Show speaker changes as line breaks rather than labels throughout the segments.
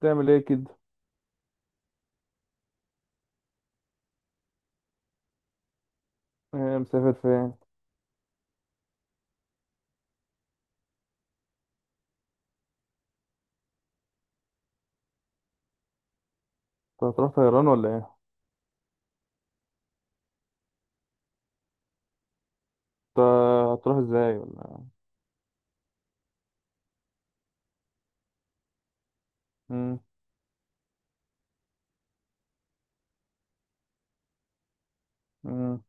تعمل ايه كده؟ إيه مسافر فين؟ انت هتروح طيران ولا ايه؟ انت هتروح ازاي ولا ايه؟ مم. مم.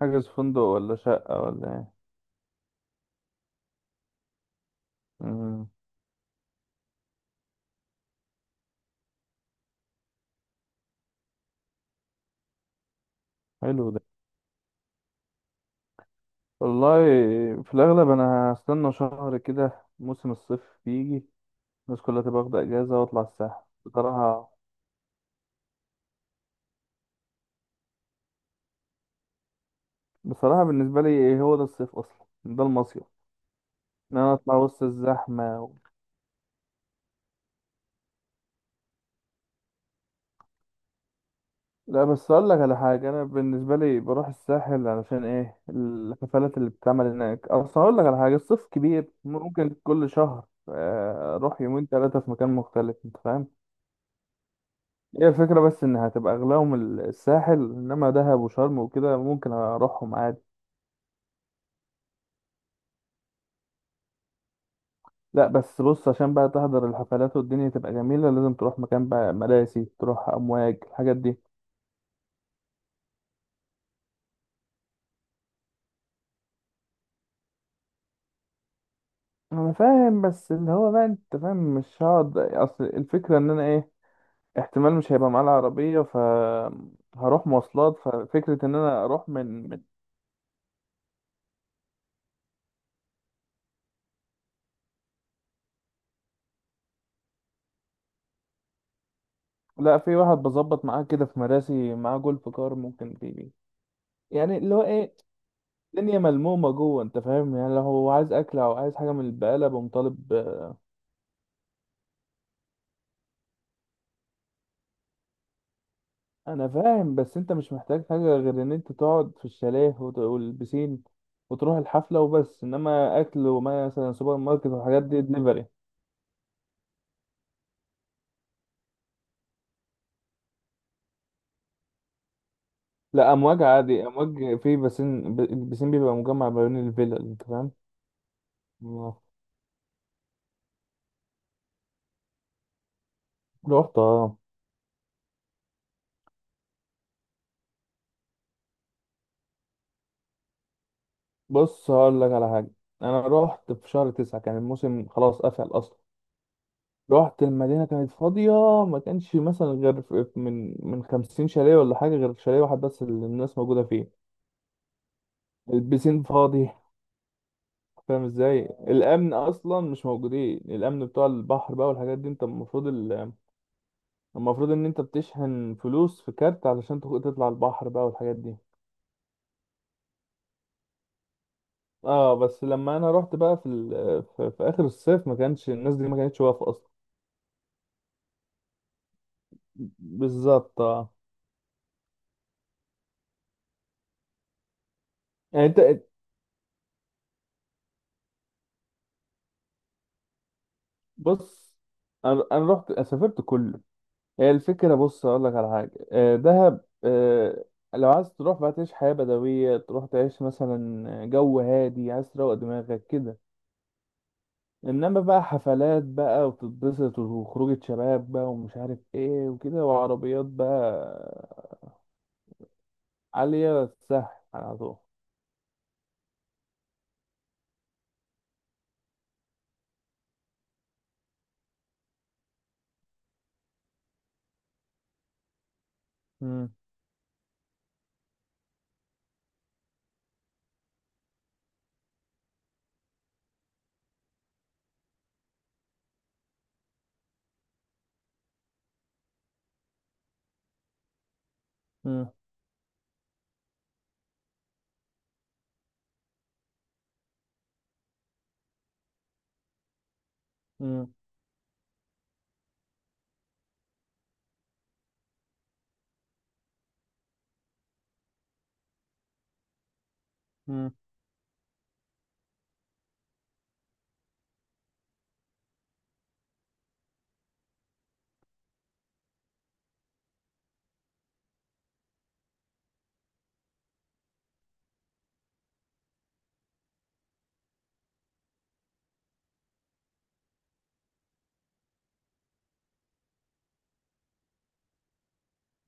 حاجز فندق ولا شقة ولا ايه؟ مم. حلو ده. والله، في الاغلب انا هستنى شهر كده موسم الصيف بيجي، الناس كلها تبقى واخدة اجازة واطلع الساحل بصراحة. بصراحة بالنسبة لي هو ده الصيف اصلا، ده المصيف. ان انا اطلع وسط الزحمة. لا بس اقول لك على حاجه، انا بالنسبه لي بروح الساحل علشان ايه؟ الحفلات اللي بتتعمل هناك اصلا. اقول لك على حاجه، الصيف كبير، ممكن كل شهر اروح يومين 3 في مكان مختلف، انت فاهم. هي الفكره بس ان هتبقى اغلاهم الساحل، انما دهب وشرم وكده ممكن اروحهم عادي. لا بس بص، عشان بقى تحضر الحفلات والدنيا تبقى جميله لازم تروح مكان بقى مراسي، تروح امواج، الحاجات دي. انا فاهم بس اللي هو بقى، انت فاهم مش هقعد، اصل الفكره ان انا ايه، احتمال مش هيبقى معاه العربية، ف هروح مواصلات، ففكرة ان انا اروح من. لا في واحد بظبط معاه كده في مراسي، معاه جولف كار ممكن تيجي، يعني اللي هو ايه، الدنيا ملمومة جوه انت فاهم، يعني لو هو عايز اكل او عايز حاجة من البقالة بقوم طالب. انا فاهم بس انت مش محتاج حاجة غير ان انت تقعد في الشاليه والبسين، وتروح الحفلة وبس، انما اكل ومثلا سوبر ماركت والحاجات دي دليفري. لا امواج عادي، امواج في بسين، البسين بيبقى مجمع ما بين الفيلا انت فاهم. آه. رحت اه. بص هقول لك على حاجة، أنا رحت في شهر 9 كان الموسم خلاص قفل أصلا. رحت المدينة كانت فاضية، ما كانش مثلا غير في- من 50 شاليه ولا حاجة، غير شاليه واحد بس اللي الناس موجودة فيه. البسين فاضي، فاهم ازاي؟ الأمن أصلا مش موجودين، الأمن بتوع البحر بقى والحاجات دي، أنت المفروض المفروض إن أنت بتشحن فلوس في كارت علشان تطلع البحر بقى والحاجات دي. اه بس لما انا رحت بقى في اخر الصيف ما كانش الناس دي ما كانتش واقفه اصلا. بالظبط اه. يعني بص، انا رحت سافرت كله. هي الفكره، بص اقول لك على حاجه، دهب لو عايز تروح بقى تعيش حياه بدويه، تروح تعيش مثلا جو هادي، عايز تروق دماغك كده. انما بقى حفلات بقى وتتبسط وخروجه شباب بقى ومش عارف ايه وكده وعربيات بقى، عاليه سهل، على طول. مم. مم. مم. مم.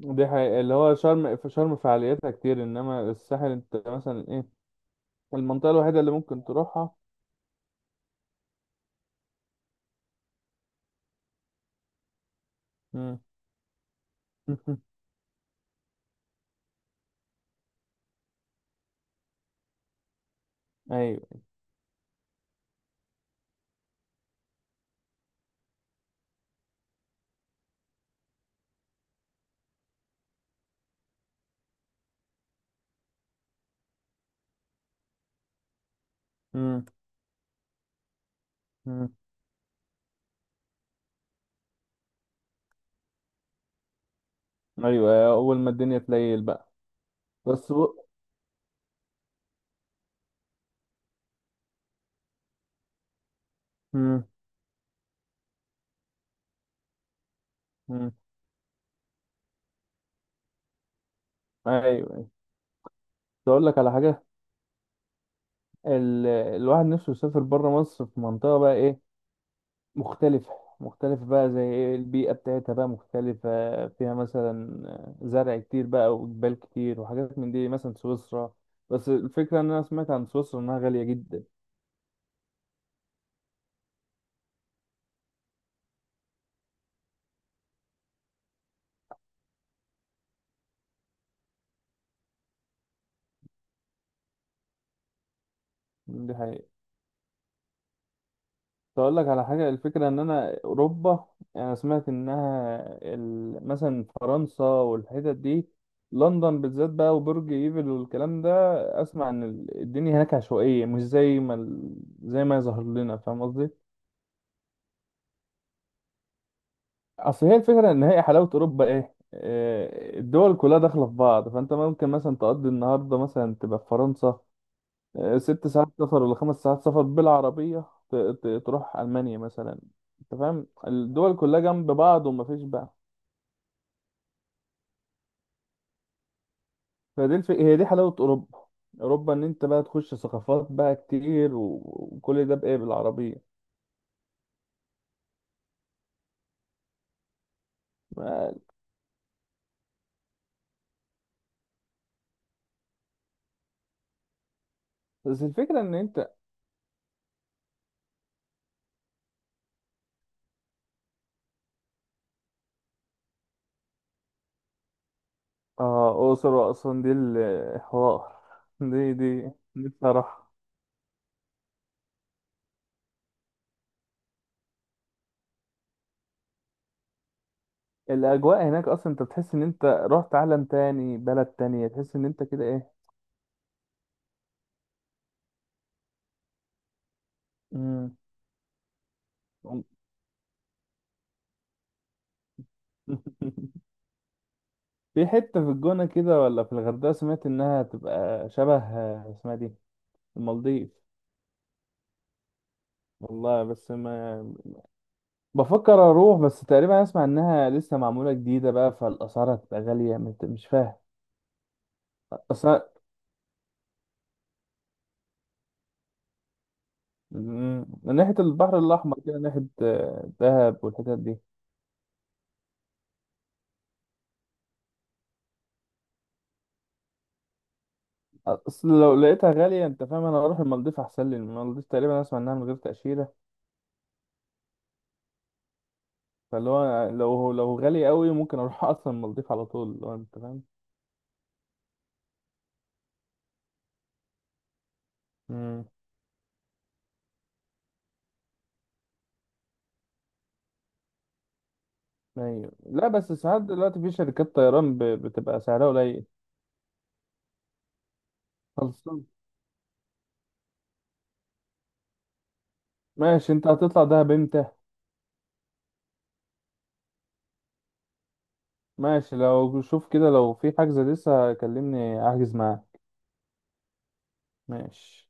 دي حقيقة، اللي هو شرم، في شرم فعالياتها كتير، انما الساحل انت مثلا ايه، المنطقة الوحيدة اللي ممكن تروحها. مم. ايوه. مم. مم. ايوه، اول ما الدنيا تليل بقى. بس ب... مم. مم. ايوه أيوة. بس اقول لك على حاجة، الواحد نفسه يسافر بره مصر في منطقة بقى ايه، مختلفة. مختلفة بقى، زي ايه؟ البيئة بتاعتها بقى مختلفة، فيها مثلا زرع كتير بقى وجبال كتير وحاجات من دي، مثلا سويسرا. بس الفكرة ان انا سمعت عن سويسرا انها غالية جدا. دي حقيقة. اقول لك على حاجه، الفكره ان انا اوروبا، يعني انا سمعت انها مثلا فرنسا والحتت دي، لندن بالذات بقى، وبرج ايفل والكلام ده. اسمع ان الدنيا هناك عشوائيه، مش زي ما زي ما يظهر لنا، فاهم قصدي. اصل هي الفكره، ان هي حلاوه اوروبا ايه، الدول كلها داخله في بعض، فانت ممكن مثلا تقضي النهارده مثلا تبقى في فرنسا، 6 ساعات سفر ولا 5 ساعات سفر بالعربية، تروح ألمانيا مثلا، أنت فاهم الدول كلها جنب بعض ومفيش بقى. هي دي حلاوة أوروبا، أوروبا إن أنت بقى تخش ثقافات بقى كتير وكل ده بإيه؟ بالعربية. ما- بس الفكرة إن أنت، آه أقصر وأسوان دي الحوار. دي دي بصراحة، الأجواء هناك أصلا أنت بتحس إن أنت رحت عالم تاني، بلد تانية تحس إن أنت كده إيه. مم. في حتة في الجونة كده ولا في الغردقة سمعت إنها تبقى شبه اسمها دي المالديف. والله بس ما بفكر أروح، بس تقريبا أسمع إنها لسه معمولة جديدة بقى، فالأسعار هتبقى غالية مش فاهم. أصل من ناحية البحر الأحمر كده ناحية دهب والحتت دي. أصل لو لقيتها غالية أنت فاهم، أنا هروح المالديف أحسن لي، المالديف تقريبا أسمع إنها من غير تأشيرة. فاللي هو لو غالي قوي ممكن أروح أصلا المالديف على طول لو أنت فاهم. ايوه لا بس ساعات دلوقتي في شركات طيران بتبقى سعرها قليل. خلصان. ماشي، انت هتطلع دهب امتى؟ ماشي، لو شوف كده لو في حجز لسه كلمني احجز معاه. ماشي.